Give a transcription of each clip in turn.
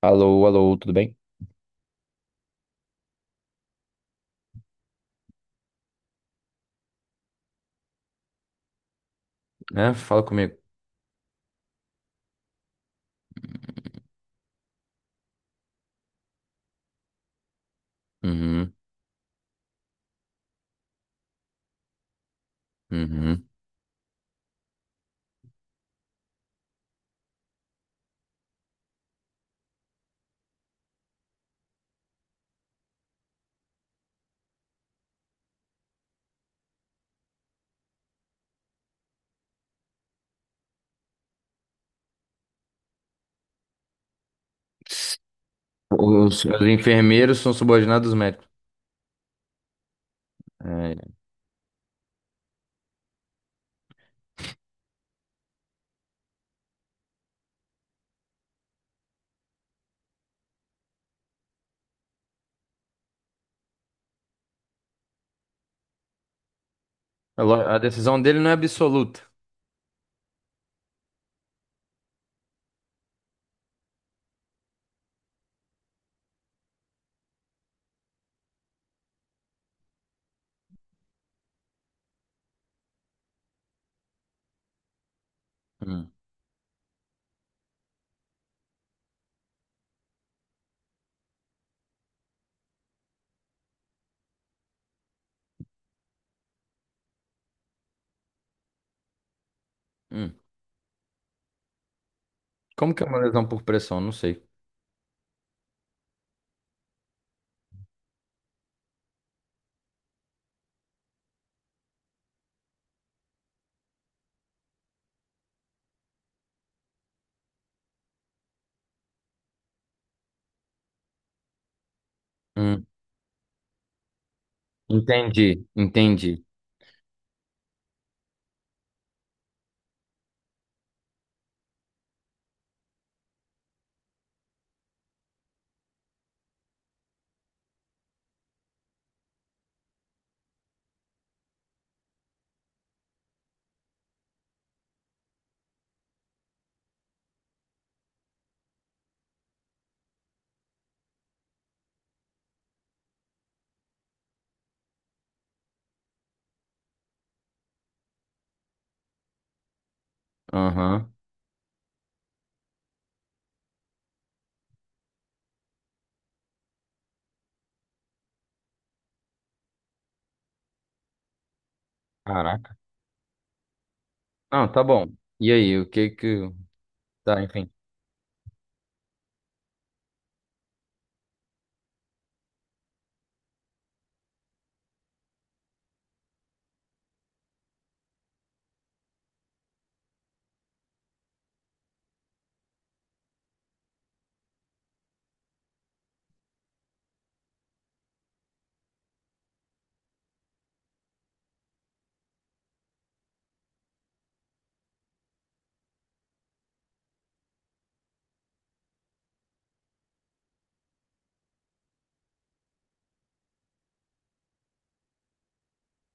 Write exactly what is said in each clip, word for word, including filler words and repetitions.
Alô, alô, tudo bem? É, fala comigo. Uhum, uhum. Os, os enfermeiros são subordinados aos médicos. É, é lo- a decisão dele não é absoluta. Hum, hum. Como que é uma lesão por pressão? Não sei. Hum, entendi, entendi. Aham. Caraca. Não, tá bom. E aí, o que que. Tá, enfim.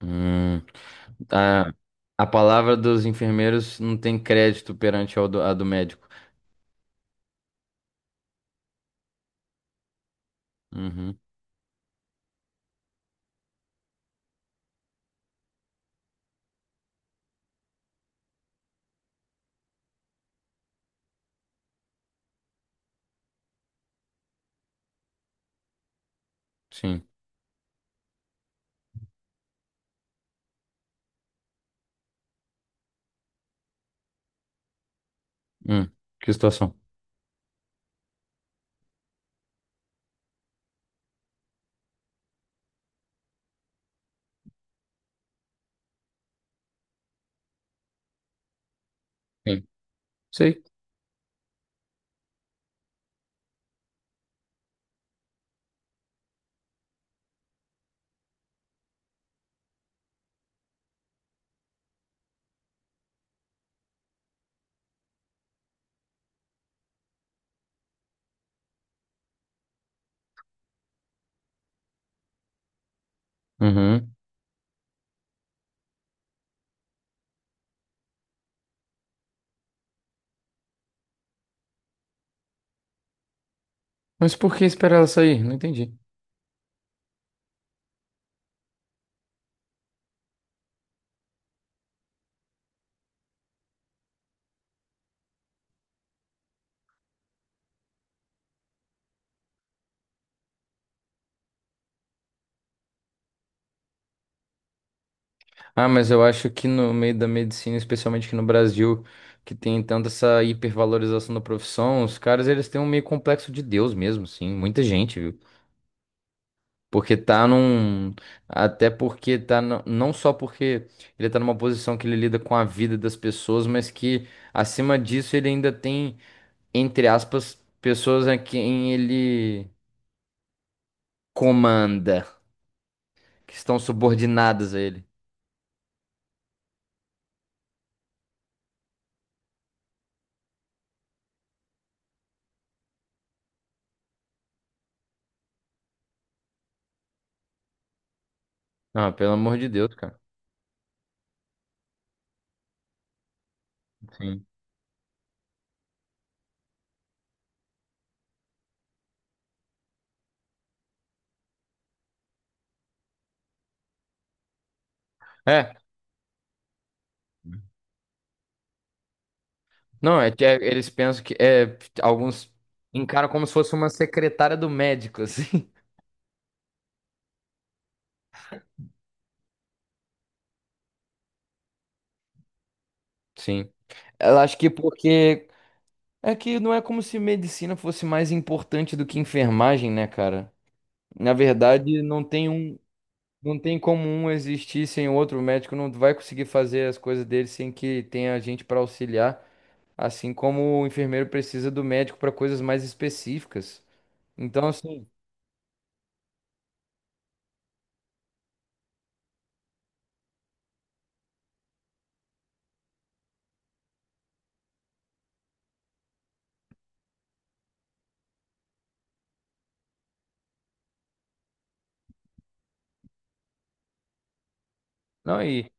Hum, a, a palavra dos enfermeiros não tem crédito perante ao do- a do médico. Uhum, sim. Hum, que situação? Sim. Sei. Uhum. Mas por que esperar ela sair? Não entendi. Ah, mas eu acho que no meio da medicina, especialmente aqui no Brasil, que tem tanta essa hipervalorização da profissão, os caras eles têm um meio complexo de Deus mesmo, sim. Muita gente, viu? Porque tá num. Até porque tá. no- Não só porque ele tá numa posição que ele lida com a vida das pessoas, mas que acima disso ele ainda tem, entre aspas, pessoas a quem ele comanda, que estão subordinadas a ele. Ah, pelo amor de Deus, cara. Sim. É, não, é, que, é, eles pensam que é, alguns encaram como se fosse uma secretária do médico, assim. Sim. Eu acho que porque é que não é como se medicina fosse mais importante do que enfermagem, né, cara? Na verdade, não tem um, não tem como um existir sem o outro. O médico não vai conseguir fazer as coisas dele sem que tenha gente para auxiliar, assim como o enfermeiro precisa do médico para coisas mais específicas. Então, assim, não, e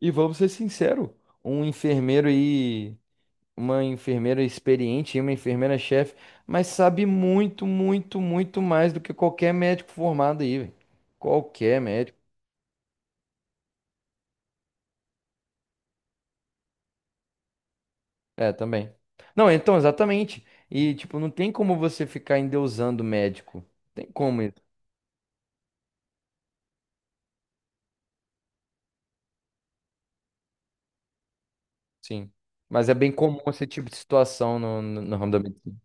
E vamos ser sinceros, um enfermeiro e uma enfermeira experiente e uma enfermeira chefe, mas sabe muito, muito, muito mais do que qualquer médico formado aí, velho. Qualquer médico. É, também. Não, então, exatamente. E, tipo, não tem como você ficar endeusando médico. Tem como isso, sim. Mas é bem comum esse tipo de situação no, no, no ramo da medicina.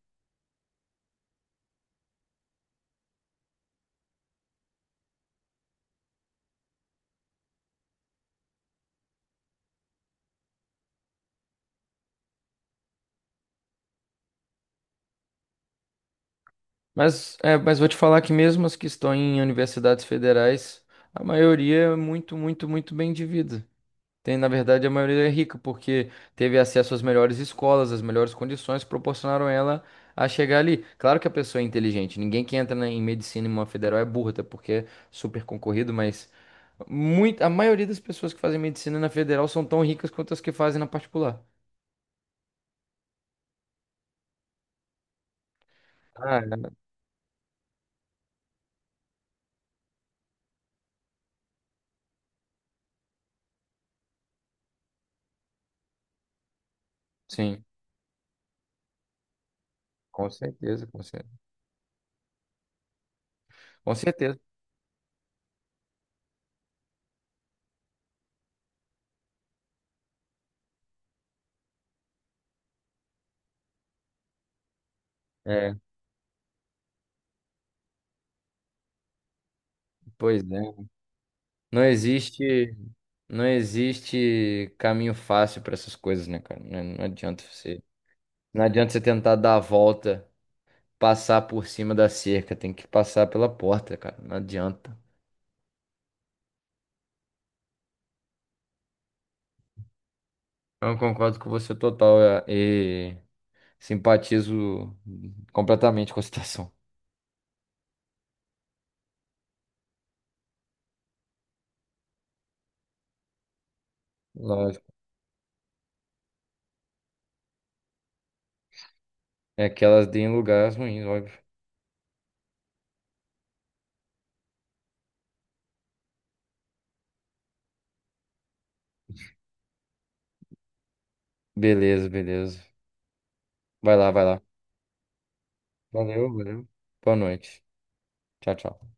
Mas, é, mas vou te falar que mesmo as que estão em universidades federais, a maioria é muito, muito, muito bem de vida. Tem, na verdade, a maioria é rica porque teve acesso às melhores escolas, às melhores condições, proporcionaram ela a chegar ali. Claro que a pessoa é inteligente, ninguém que entra na- em medicina em uma federal é burra, até porque é super concorrido, mas muito, a maioria das pessoas que fazem medicina na federal são tão ricas quanto as que fazem na particular. Ah, é. Sim, com certeza, com certeza. Com certeza. É, pois é. Não existe, não existe caminho fácil para essas coisas, né, cara? Não, não adianta você, não adianta você tentar dar a volta, passar por cima da cerca, tem que passar pela porta, cara. Não adianta. Então, Eu concordo com você total é, e simpatizo completamente com a situação. Lógico. É que elas deem lugares ruins, óbvio. Beleza, beleza. Vai lá, vai lá. Valeu, valeu. Boa noite. Tchau, tchau.